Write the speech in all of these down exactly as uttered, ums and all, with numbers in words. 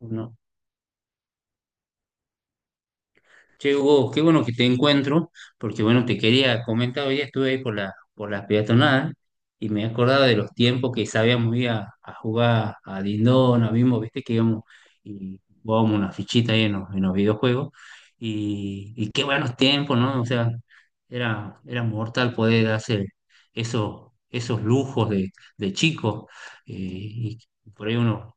No. Che, Hugo, qué bueno que te encuentro, porque bueno, te quería comentar, hoy día estuve ahí por la, por las peatonal y me he acordado de los tiempos que sabíamos ir a, a jugar a Dindón, a Bimbo, viste que íbamos y jugábamos una fichita ahí en los, en los videojuegos, y, y qué buenos tiempos, ¿no? O sea, era, era mortal poder hacer esos, esos lujos de, de chico, eh, y por ahí uno.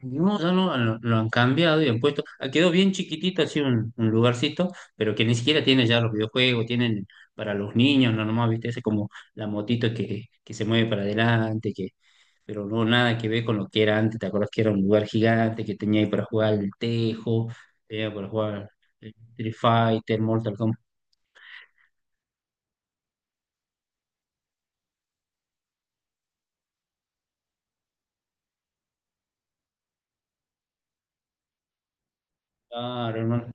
No, ya no, lo, lo han cambiado y han puesto, ah, quedó bien chiquitito así un, un lugarcito, pero que ni siquiera tiene ya los videojuegos, tienen para los niños, no nomás, viste, ese como la motito que, que se mueve para adelante, que, pero no nada que ver con lo que era antes. ¿Te acuerdas que era un lugar gigante que tenía ahí para jugar el tejo, tenía para jugar el Street Fighter, Mortal Kombat? Claro, no,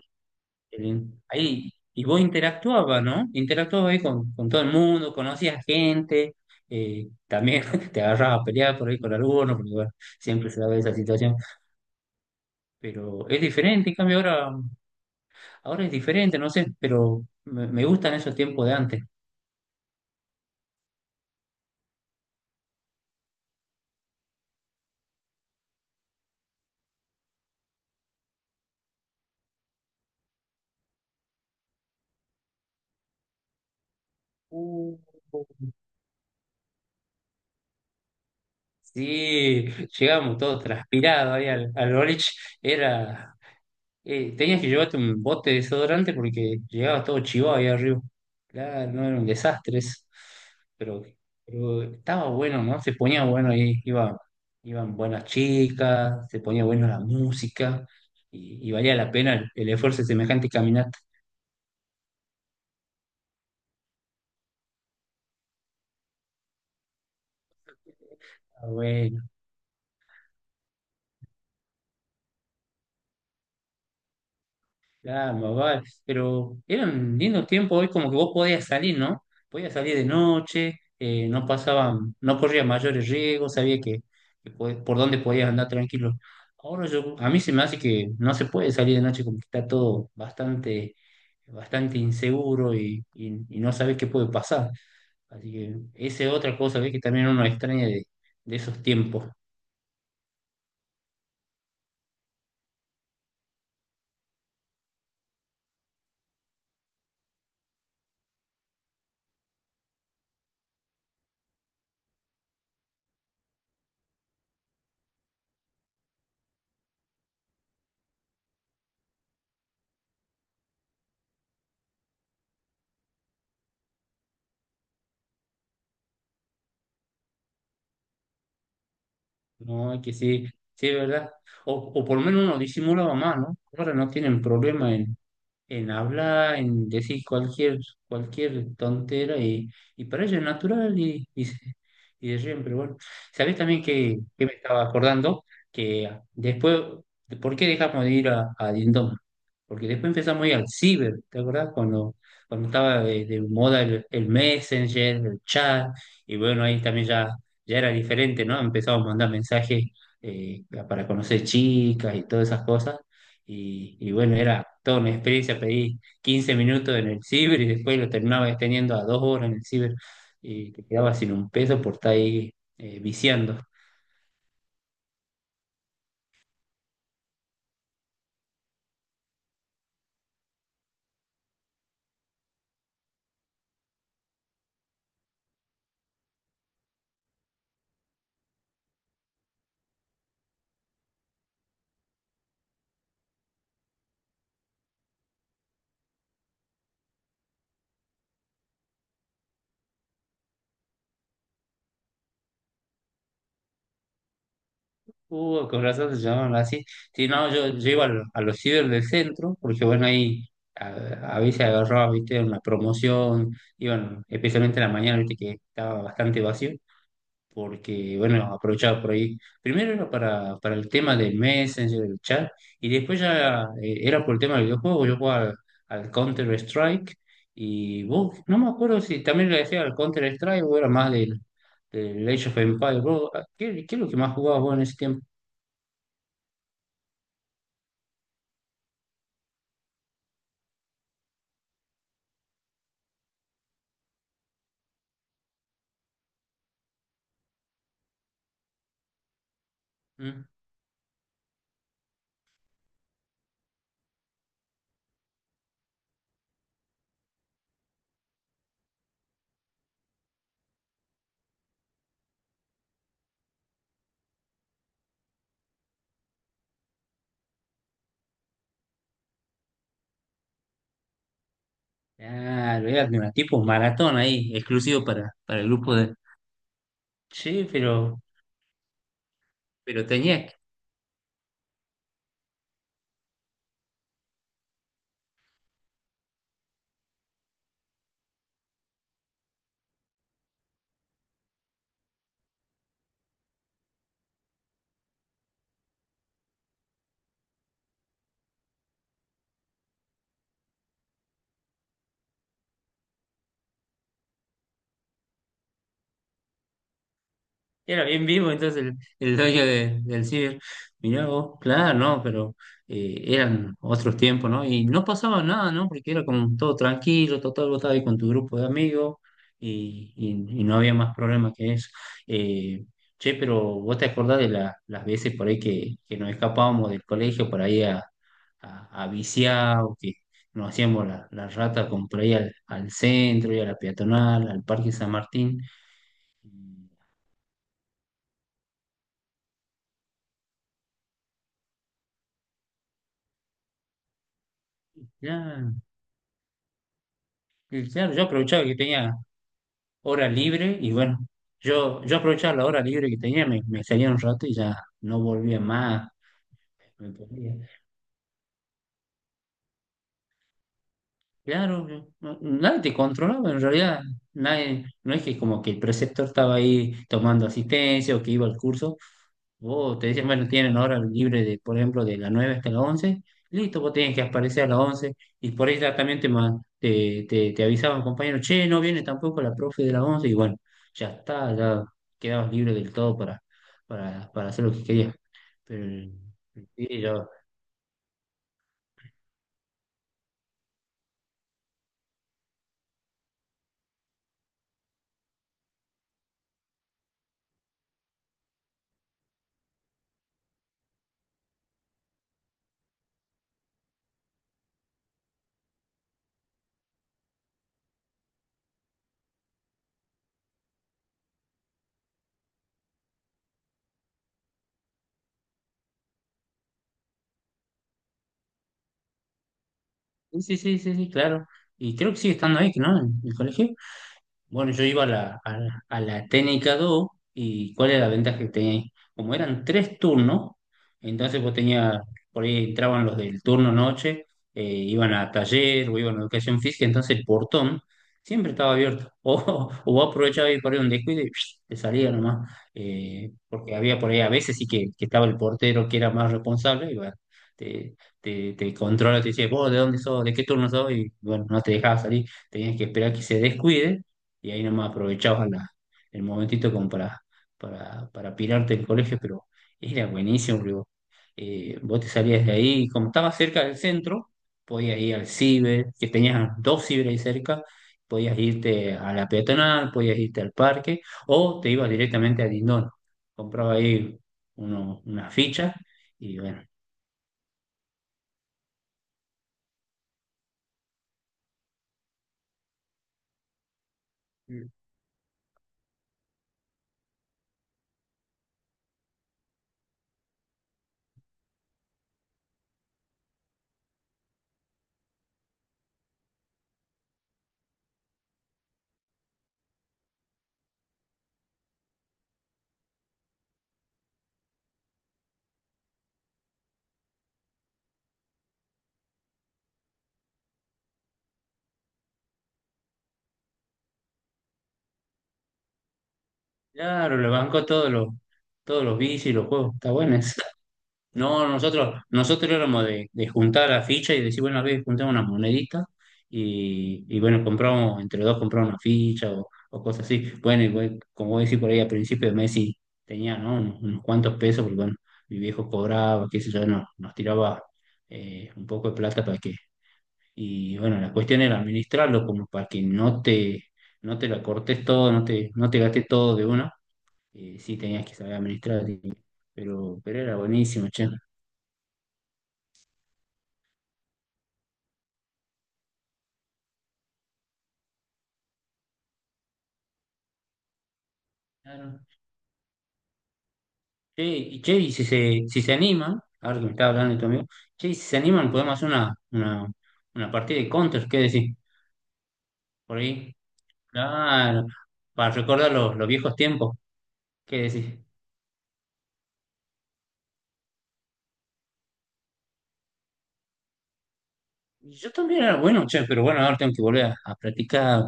qué lindo. Ahí, y vos interactuabas, ¿no? Interactuabas ahí con, con todo el mundo, conocías gente, eh, también te agarrabas a pelear por ahí con algunos, porque bueno, siempre se da esa situación, pero es diferente, en cambio ahora, ahora es diferente, no sé, pero me, me gustan esos tiempos de antes. Uh, Sí, llegamos todos transpirados ahí al, al boliche, era. Eh, tenías que llevarte un bote de desodorante porque llegabas todo chivado ahí arriba. Claro, no era un desastre eso. Pero, pero estaba bueno, ¿no? Se ponía bueno ahí, iba, iban buenas chicas, se ponía bueno la música y, y valía la pena el, el esfuerzo de semejante caminata. Ah, bueno. Claro, vale. Pero eran lindos tiempos, hoy como que vos podías salir, ¿no? Podías salir de noche, eh, no pasaban, no corrías mayores riesgos, sabía que, que pod- por dónde podías andar tranquilo. Ahora yo, a mí se me hace que no se puede salir de noche, como que está todo bastante, bastante inseguro y, y- y no sabes qué puede pasar. Así que esa es otra cosa, ¿ves? Que también uno extraña de, de esos tiempos. No, es que sí, sí es verdad. O, o por lo menos uno disimulaba más, ¿no? Ahora no tienen problema en en hablar, en decir cualquier, cualquier tontera y, y para ella es natural y, y, se- y de siempre. Bueno, ¿sabés también que, que me estaba acordando? Que después, ¿por qué dejamos de ir a, a Dindón? Porque después empezamos a ir al ciber, ¿te acordás? Cuando, cuando estaba de, de moda el, el Messenger, el chat, y bueno, ahí también ya, ya era diferente, ¿no? Empezamos a mandar mensajes, eh, para conocer chicas y todas esas cosas. Y, y bueno, era toda una experiencia, pedí quince minutos en el ciber y después lo terminaba extendiendo a dos horas en el ciber y te quedaba sin un peso por estar ahí, eh, viciando. Uh, con razón se llamaban así. Si no, yo, yo iba a, lo- a los ciber del centro, porque bueno, ahí a, a veces agarraba, viste, una promoción, iban, especialmente en la mañana, viste, que estaba bastante vacío porque, bueno, aprovechaba por ahí. Primero era para, para el tema del Messenger, el chat, y después ya, eh, era por el tema del videojuego. Yo jugaba al, Counter-Strike, y vos, no me acuerdo si también le decía al Counter-Strike o era más del, del Age of Empires. Vos, ah, ¿Qué, qué es lo que más jugabas vos en ese tiempo? ¿Mm? Ah, lo era de una tipo maratón ahí, exclusivo para, para el grupo de... Sí, pero, pero tenías Era bien vivo entonces el, el dueño de- del ciber. Mirá vos, claro, no, pero, eh, eran otros tiempos, ¿no? Y no pasaba nada, ¿no? Porque era como todo tranquilo, total, vos estabas ahí con tu grupo de amigos y, y- y no había más problema que eso. Eh, Che, pero vos te acordás de la- las veces por ahí que, que nos escapábamos del colegio por ahí a, a, a viciar, o que nos hacíamos la, la rata con, por ahí al, al centro y a la peatonal, al Parque San Martín. Ya, y claro, yo aprovechaba que tenía hora libre y bueno, yo, yo aprovechaba la hora libre que tenía, me, me salía un rato y ya no volvía más. Me ponía. Claro, yo- no- nadie te controlaba en realidad, nadie, no es que como que el preceptor estaba ahí tomando asistencia o que iba al curso. Vos te dicen, bueno, tienen hora libre de, por ejemplo, de las nueve hasta las once, listo, vos tenés que aparecer a las once, y por ahí ya también te, ma- te, te, te avisaban, compañero, che, no viene tampoco la profe de las once, y bueno, ya está, ya quedabas libre del todo para, para, para hacer lo que querías. Pero, eh, sí, yo- Sí, sí, sí, sí, sí, claro. Y creo que sigue estando ahí, ¿no? En el colegio. Bueno, yo iba a la, a la, a la técnica dos. ¿Y cuál era la ventaja que tenía ahí? Como eran tres turnos, entonces vos tenías, por ahí entraban los del turno noche, eh, iban a taller o iban a educación física, entonces el portón siempre estaba abierto. O, o vos aprovechabas y por ahí un descuido y psh, te salía nomás, eh, porque había por ahí a veces sí que, que estaba el portero que era más responsable, y bueno, te, te, te controla, te decía, vos de dónde sos, de qué turno sos, y bueno, no te dejaba salir, tenías que esperar que se descuide y ahí nomás aprovechabas la- el momentito como para, para, para pirarte el colegio, pero era buenísimo, digo. Eh, vos te salías de ahí y como estabas cerca del centro, podías ir al ciber, que tenías dos ciber ahí cerca, podías irte a la peatonal, podías irte al parque, o te ibas directamente a Lindón, compraba ahí uno, unas fichas, y bueno, claro, le bancó todos los, todos los, bicis y los juegos, está bueno eso. No, nosotros, nosotros, éramos de, de juntar la ficha y decir, bueno, a ver, juntamos unas moneditas, y, y bueno, compramos, entre dos compramos una ficha, o, o cosas así. Bueno, y bueno, como vos decís por ahí, al principio de mes sí tenía, ¿no? Unos, unos cuantos pesos, porque bueno, mi viejo cobraba, qué sé yo, no- nos tiraba, eh, un poco de plata para que... Y bueno, la cuestión era administrarlo como para que no te, no te la cortes todo, no te, no te gastes todo de una. Eh, sí, tenías que saber administrar, así que- pero, pero era buenísimo, che. Che, y che, y si se, si se animan, ahora que me estaba hablando de tu amigo, che, y si se animan, podemos hacer una, una, una partida de Counter, ¿qué decís? Por ahí, claro, para recordar los, los, viejos tiempos, ¿qué decís? Y Yo también era bueno, che, pero bueno, ahora tengo que volver a, a practicar.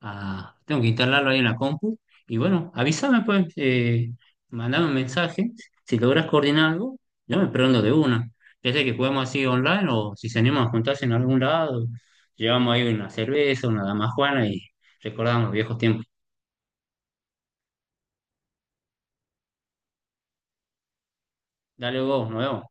Ah, tengo que instalarlo ahí en la compu. Y bueno, avísame, pues, eh, mandame un mensaje. Si logras coordinar algo, yo me prendo de una. Ya sea que jugamos así online, o si se animan a juntarse en algún lado, llevamos ahí una cerveza, una damajuana y recordamos los viejos tiempos. Dale vos, nos vemos.